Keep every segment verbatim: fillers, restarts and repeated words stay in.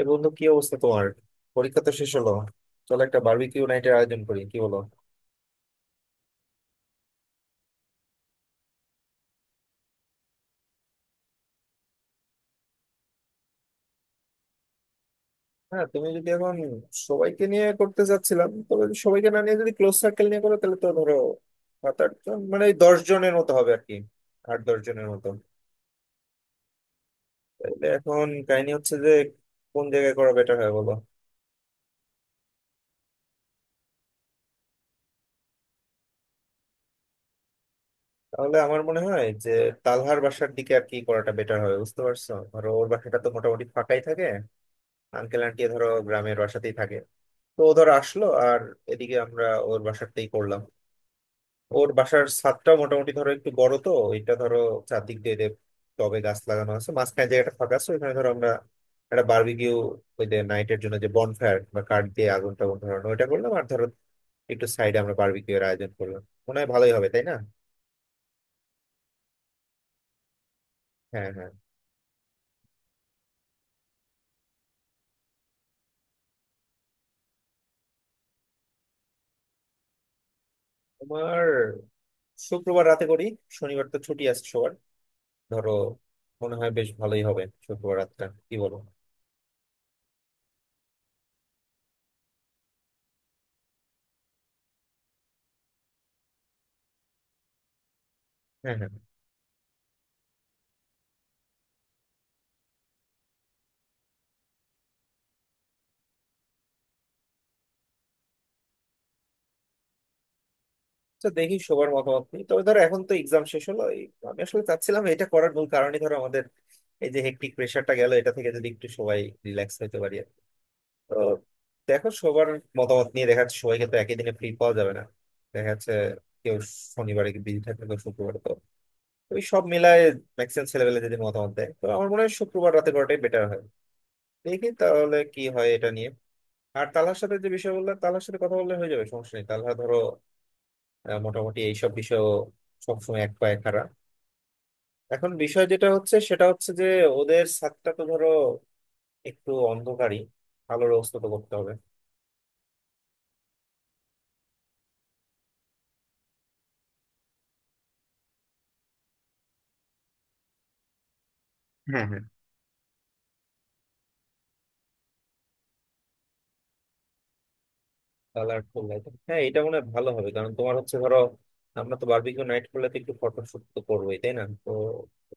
এ বন্ধু, কি অবস্থা তোমার? পরীক্ষা তো শেষ হলো। চলো একটা বারবিকিউ নাইটের আয়োজন করি, কি বলো? হ্যাঁ, তুমি যদি এখন সবাইকে নিয়ে করতে চাচ্ছিলাম, তবে যদি সবাইকে না নিয়ে যদি ক্লোজ সার্কেল নিয়ে করো তাহলে তো ধরো সাত আট জন, মানে ওই দশ জনের মতো হবে আর কি। আট দশ জনের মতো। তাহলে এখন কাহিনী হচ্ছে যে কোন জায়গায় করা বেটার হয়, বলো? তাহলে আমার মনে হয় যে তালহার বাসার দিকে আর কি করাটা বেটার হবে, বুঝতে পারছো? ধরো, ওর বাসাটা তো মোটামুটি ফাঁকাই থাকে। আঙ্কেল আন্টি ধরো গ্রামের বাসাতেই থাকে। তো ও ধর আসলো, আর এদিকে আমরা ওর বাসারটাই করলাম। ওর বাসার ছাদটা মোটামুটি ধরো একটু বড় তো। এটা ধরো চারদিক দিয়ে দিয়ে টবে গাছ লাগানো আছে, মাঝখানে জায়গাটা ফাঁকা আছে। ওখানে ধরো আমরা একটা বারবিকিউ, ওই যে নাইটের জন্য যে বনফায়ার বা কাঠ দিয়ে আগুন টাগুন ধরানো ওইটা করলাম, আর ধরো একটু সাইডে আমরা বারবিকিউ এর আয়োজন করলাম। মনে হয় ভালোই হবে, তাই না? হ্যাঁ, হ্যাঁ। তোমার শুক্রবার রাতে করি, শনিবার তো ছুটি আছে সবার। ধরো মনে হয় বেশ ভালোই হবে শুক্রবার রাতটা, কি বলো? হ্যাঁ, হ্যাঁ। তো দেখি সবার মতামত নিই, তবে ধরো এখন তো এক্সাম শেষ হলো এই, আমি আসলে চাচ্ছিলাম এটা করার মূল কারণই ধরো আমাদের এই যে হেক্টিক প্রেশারটা গেল, এটা থেকে যদি একটু সবাই রিল্যাক্স হতে পারি আর কি। তো দেখো সবার মতামত নিয়ে দেখা যাচ্ছে সবাইকে তো একই দিনে ফ্রি পাওয়া যাবে না। দেখা যাচ্ছে কেউ শনিবারে বিজি থাকবে, কেউ শুক্রবারে। তো ওই সব মিলায় ম্যাক্সিমাম ছেলেবেলা যদি মতামত দেয় তো আমার মনে হয় শুক্রবার রাতে করাটাই বেটার হয়। দেখি তাহলে কি হয় এটা নিয়ে। আর তালার সাথে যে বিষয় বললাম, তালার সাথে কথা বললে হয়ে যাবে, সমস্যা নেই। তালহা ধরো আহ, মোটামুটি এইসব বিষয়েও সবসময় এক পায়ে খাড়া। এখন বিষয় যেটা হচ্ছে, সেটা হচ্ছে যে ওদের ছাদটা তো ধরো একটু অন্ধকারই, আলোর ব্যবস্থা তো করতে হবে। হ্যাঁ, হ্যাঁ। কালার ফুল লাইট, হ্যাঁ এটা মনে হয় ভালো হবে, কারণ তোমার হচ্ছে ধরো আমরা তো বারবিকিউ নাইট করলে তো একটু ফটোশুট তো করবোই, তাই না? তো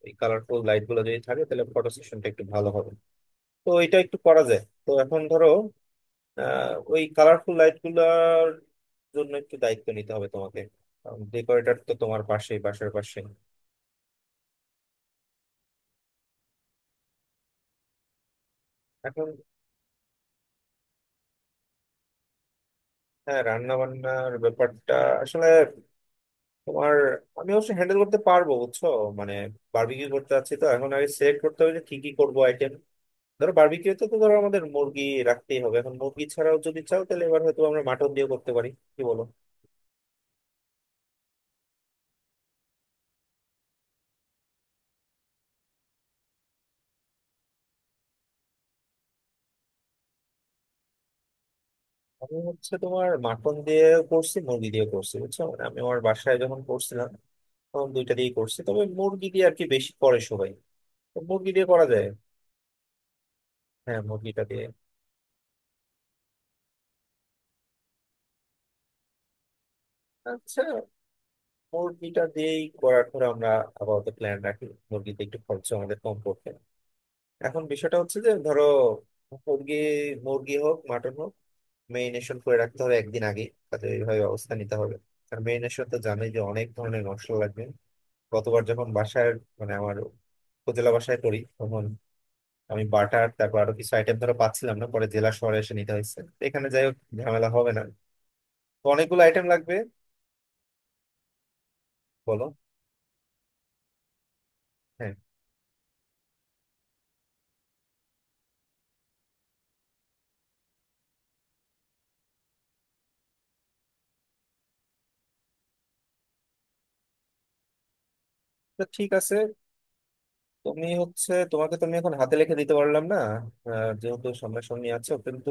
এই কালারফুল লাইট গুলো যদি থাকে তাহলে ফটো সেশনটা একটু ভালো হবে। তো এটা একটু করা যায়। তো এখন ধরো আহ ওই কালারফুল লাইট গুলার জন্য একটু দায়িত্ব নিতে হবে তোমাকে। ডেকোরেটর তো তোমার পাশেই, বাসার পাশে। এখন হ্যাঁ, রান্না বান্নার ব্যাপারটা আসলে তোমার, আমি অবশ্য হ্যান্ডেল করতে পারবো, বুঝছো? মানে বারবিকিউ করতে চাচ্ছি তো এখন আগে সিলেক্ট করতে হবে যে কি কি করবো আইটেম। ধরো বারবিকিউতে তো ধরো আমাদের মুরগি রাখতেই হবে। এখন মুরগি ছাড়াও যদি চাও তাহলে এবার হয়তো আমরা মাটন দিয়ে করতে পারি, কি বলো? আমি হচ্ছে তোমার মাটন দিয়ে করছি, মুরগি দিয়ে করছি, বুঝছো? মানে আমি আমার বাসায় যখন করছিলাম তখন দুইটা দিয়ে করছি, তবে মুরগি দিয়ে আর কি বেশি করে সবাই। তো মুরগি দিয়ে করা যায়। হ্যাঁ, মুরগিটা দিয়ে। আচ্ছা, মুরগিটা দিয়েই করার ধরো আমরা আপাতত প্ল্যান রাখি। মুরগিতে একটু খরচ আমাদের কম পড়বে। এখন বিষয়টা হচ্ছে যে ধরো মুরগি মুরগি হোক মাটন হোক, মেরিনেশন করে রাখতে হবে একদিন আগে। তাতে এইভাবে অবস্থা নিতে হবে। আর মেরিনেশন তো জানোই যে অনেক ধরনের মশলা লাগবে। গতবার যখন বাসায়, মানে আমার উপজেলা বাসায় করি, তখন আমি বাটার তারপর আরো কিছু আইটেম ধরো পাচ্ছিলাম না, পরে জেলা শহরে এসে নিতে হয়েছে। এখানে যাই হোক ঝামেলা হবে না। তো অনেকগুলো আইটেম লাগবে। বলো। হ্যাঁ। তো ঠিক আছে। তুমি হচ্ছে তোমাকে তো আমি এখন হাতে লিখে দিতে পারলাম না, আহ, যেহেতু সামনাসামনি আছো কিন্তু।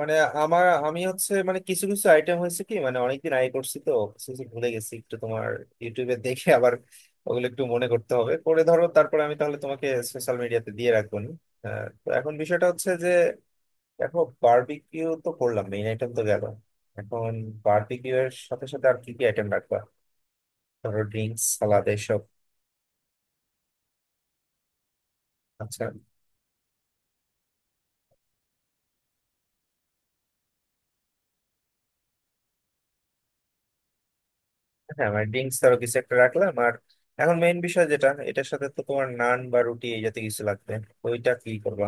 মানে আমার আমি হচ্ছে মানে কিছু কিছু আইটেম হয়েছে কি, মানে অনেকদিন আগে করছি তো কিছু কিছু ভুলে গেছি একটু। তোমার ইউটিউবে দেখে আবার ওগুলো একটু মনে করতে হবে, করে ধরো তারপরে আমি তাহলে তোমাকে সোশ্যাল মিডিয়াতে দিয়ে রাখবো নি। আহ, তো এখন বিষয়টা হচ্ছে যে দেখো বারবিকিউ তো করলাম, মেইন আইটেম তো গেল। এখন বারবিকিউ এর সাথে সাথে আর কি কি আইটেম রাখবা? ধরো ড্রিঙ্কস, সালাদ এসব। আচ্ছা। হ্যাঁ, মানে ড্রিঙ্কস আরো কিছু একটা রাখলাম, আর এখন মেইন বিষয় যেটা, এটার সাথে তো তোমার নান বা রুটি এই জাতীয় কিছু লাগবে। তো ওইটা কি করবা?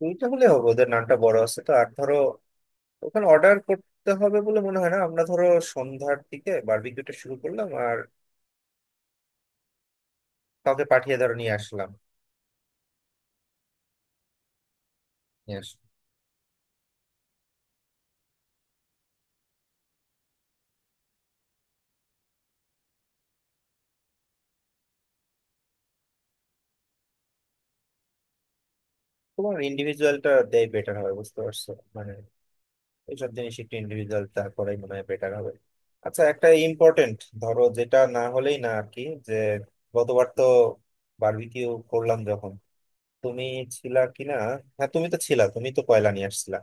দুইটা হলে হবে, ওদের নানটা বড় আছে তো। আর ধরো ওখানে অর্ডার করতে হবে বলে মনে হয় না, আমরা ধরো সন্ধ্যার দিকে বারবিকিউটা শুরু করলাম আর কাউকে পাঠিয়ে ধরো নিয়ে আসলাম। নিয়ে আসলাম। তোমার ইন্ডিভিজুয়ালটা দেয় বেটার হয়, বুঝতে পারছো? মানে এইসব জিনিস একটু ইন্ডিভিজুয়াল তা করাই মনে হয় বেটার হবে। আচ্ছা, একটা ইম্পর্টেন্ট, ধরো যেটা না হলেই না আর কি, যে গতবার তো বারবিকিউ করলাম যখন তুমি ছিলা কিনা? হ্যাঁ, তুমি তো ছিলা, তুমি তো কয়লা নিয়ে আসছিলা।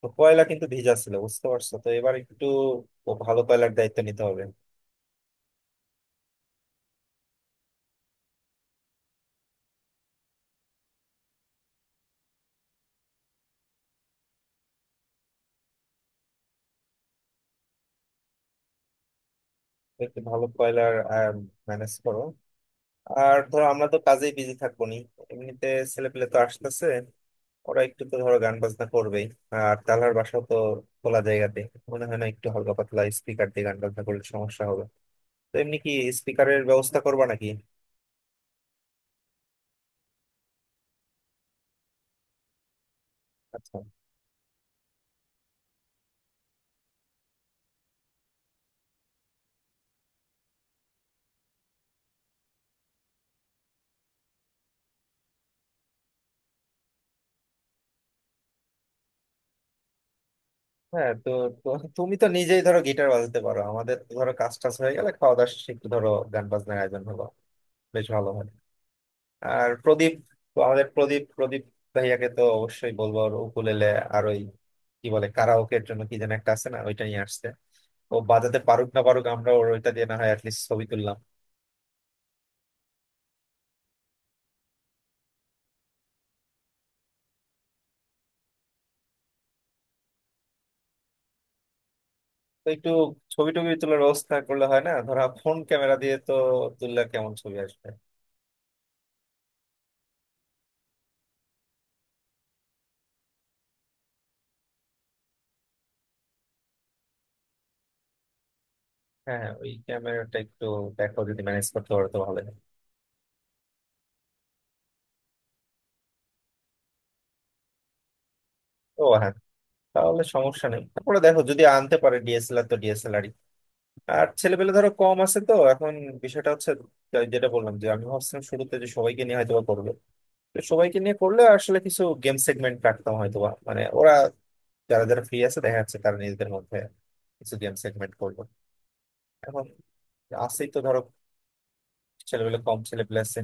তো কয়লা কিন্তু ভিজা ছিল, বুঝতে পারছো? তো এবার একটু ও ভালো কয়লার দায়িত্ব নিতে হবে। একটু ভালো কয়লার ম্যানেজ করো। আর ধরো আমরা তো কাজেই বিজি থাকবো নি এমনিতে। ছেলে পেলে তো আসতেছে, ওরা একটু তো ধরো গান বাজনা করবেই। আর তালার বাসা তো খোলা জায়গাতে, মনে হয় না একটু হালকা পাতলা স্পিকার দিয়ে গান বাজনা করলে সমস্যা হবে। তো এমনি কি স্পিকারের ব্যবস্থা করবা নাকি? আচ্ছা, হ্যাঁ। তো তো তুমি তো নিজেই ধরো গিটার বাজাতে পারো, আমাদের তো ধরো কাজ টাজ হয়ে গেলে খাওয়া দাওয়া শেষে একটু ধরো গান বাজনার আয়োজন হলো, বেশ ভালো হয়। আর প্রদীপ, তো আমাদের প্রদীপ প্রদীপ ভাইয়াকে তো অবশ্যই বলবো, ওর উকুলেলে আর ওই কি বলে কারাওকের জন্য কি যেন একটা আছে না, ওইটা নিয়ে আসছে। ও বাজাতে পারুক না পারুক, আমরা ওর ওইটা দিয়ে না হয় অ্যাটলিস্ট ছবি তুললাম। তো একটু ছবি টবি তোলার ব্যবস্থা করলে হয় না? ধরা ফোন ক্যামেরা দিয়ে তো তুললে কেমন ছবি আসবে? হ্যাঁ, হ্যাঁ, ওই ক্যামেরাটা একটু দেখো, যদি ম্যানেজ করতে পারো তো ভালো হয়। ও হ্যাঁ, তাহলে সমস্যা নেই। তারপরে দেখো যদি আনতে পারে ডিএসএলআর, তো ডিএসএলআরই। আর ছেলেপেলে ধরো কম আছে তো এখন। বিষয়টা হচ্ছে যে- যেটা বললাম, যে আমি ভাবছিলাম শুরুতে যে সবাইকে নিয়ে হয়তো বা করবে। তো সবাইকে নিয়ে করলে আসলে কিছু গেম সেগমেন্ট রাখতাম হয়তো বা, মানে ওরা যারা যারা ফ্রি আছে দেখা যাচ্ছে তারা নিজেদের মধ্যে কিছু গেম সেগমেন্ট করবো। এখন আছেই তো ধরো, ছেলেগুলো কম, ছেলে পেলে আছে।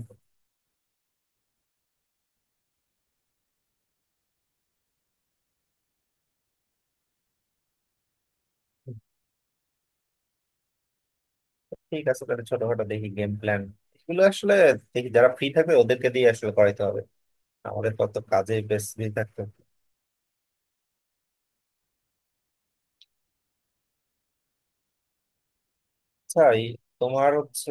ঠিক আছে, তাহলে ছোটখাটো দেখি গেম প্ল্যান এগুলো আসলে। দেখি যারা ফ্রি থাকবে ওদেরকে দিয়ে আসলে করাইতে হবে। আমাদের কত কাজে বেশ ফ্রি থাকতে হবে। আচ্ছা এই, তোমার হচ্ছে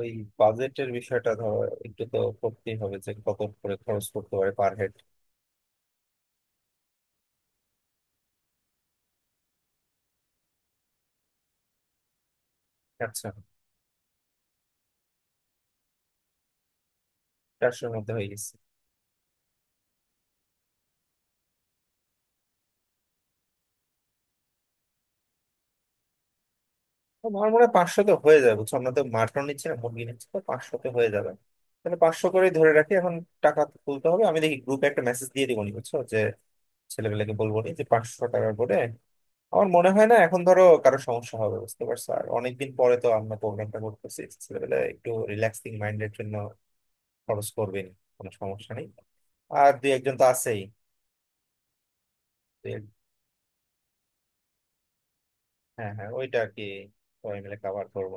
ওই বাজেটের বিষয়টা, ধরো একটু তো করতেই হবে যে কত করে খরচ করতে পারে পার হেড। আচ্ছা, চারশোর মধ্যে হয়ে গেছে? তো আমার মনে হয় পাঁচশোতে হয়ে যাবে, বুঝছো। আমরা তো মাটন নিচ্ছি না, মুরগি নিচ্ছি, তো পাঁচশোতে হয়ে যাবে। তাহলে পাঁচশো করেই ধরে রাখি এখন। টাকা তুলতে হবে। আমি দেখি গ্রুপে একটা মেসেজ দিয়ে দিবনি, বুঝছো, যে ছেলেপেলেকে বলবো না যে পাঁচশো টাকা করে। আমার মনে হয় না এখন ধরো কারো সমস্যা হবে, বুঝতে পারছো? আর অনেকদিন পরে তো আমরা প্রোগ্রামটা করতেছি, ছেলেপেলে একটু রিল্যাক্সিং মাইন্ডের জন্য খরচ করবেন, কোনো সমস্যা নেই। আর দুই একজন তো আছেই। দুই এক- হ্যাঁ, হ্যাঁ, ওইটা আর কি। সবাই মিলে কাভার করবো।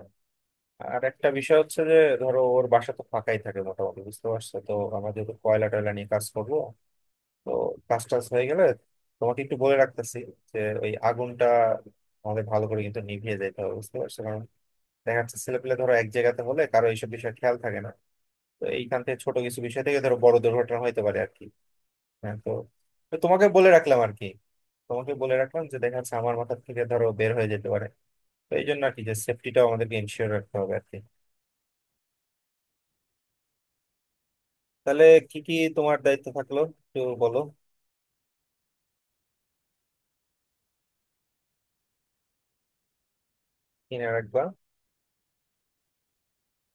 আর একটা বিষয় হচ্ছে যে ধরো ওর বাসা তো ফাঁকাই থাকে মোটামুটি, বুঝতে পারছো? তো আমরা যেহেতু কয়লা টয়লা নিয়ে কাজ করবো, তো কাজ টাজ হয়ে গেলে তোমাকে একটু বলে রাখতেছি যে ওই আগুনটা আমাদের ভালো করে কিন্তু নিভিয়ে যেতে হবে, বুঝতে পারছো? দেখা যাচ্ছে ছেলেপেলে ধরো এক জায়গাতে হলে কারো এইসব বিষয়ে খেয়াল থাকে না। তো এইখান থেকে ছোট কিছু বিষয় থেকে ধরো বড় দুর্ঘটনা হইতে পারে আর কি। হ্যাঁ। তো তো তোমাকে বলে রাখলাম আর কি। তোমাকে বলে রাখলাম যে দেখা যাচ্ছে আমার মাথা থেকে ধরো বের হয়ে যেতে পারে, তো এই জন্য আর কি, যে সেফটিটাও আমাদেরকে ইনশিওর রাখতে হবে আর কি। তাহলে কি কি তোমার দায়িত্ব থাকলো, একটু বলো। কিনে রাখবা।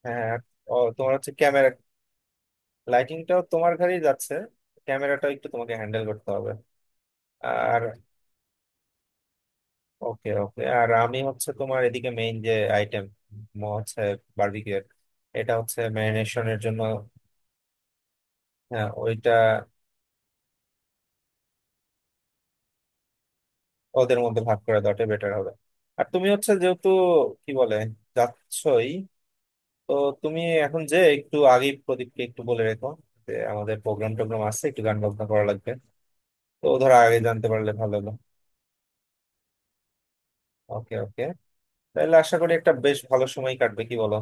হ্যাঁ, আর, ও তোমার হচ্ছে ক্যামেরা, লাইটিংটাও তোমার ঘরেই যাচ্ছে, ক্যামেরাটাও একটু তোমাকে হ্যান্ডেল করতে হবে। আর ওকে, ওকে। আর আমি হচ্ছে তোমার এদিকে মেইন যে আইটেম হচ্ছে বার্বিকিউর, এটা হচ্ছে ম্যারিনেশনের জন্য। হ্যাঁ, ওইটা ওদের মধ্যে ভাগ করে দেওয়াটা বেটার হবে। আর তুমি হচ্ছে যেহেতু কি বলে যাচ্ছই, তো তুমি এখন যে একটু আগে প্রদীপকে একটু বলে রেখো যে আমাদের প্রোগ্রাম টোগ্রাম আছে, একটু গান বাজনা করা লাগবে। তো ও ধরো আগে জানতে পারলে ভালো হলো। ওকে, ওকে। তাহলে আশা করি একটা বেশ ভালো সময় কাটবে, কি বলো?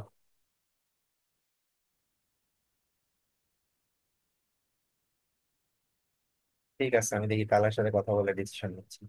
ঠিক আছে, আমি দেখি কালার সাথে কথা বলে ডিসিশন নিচ্ছি।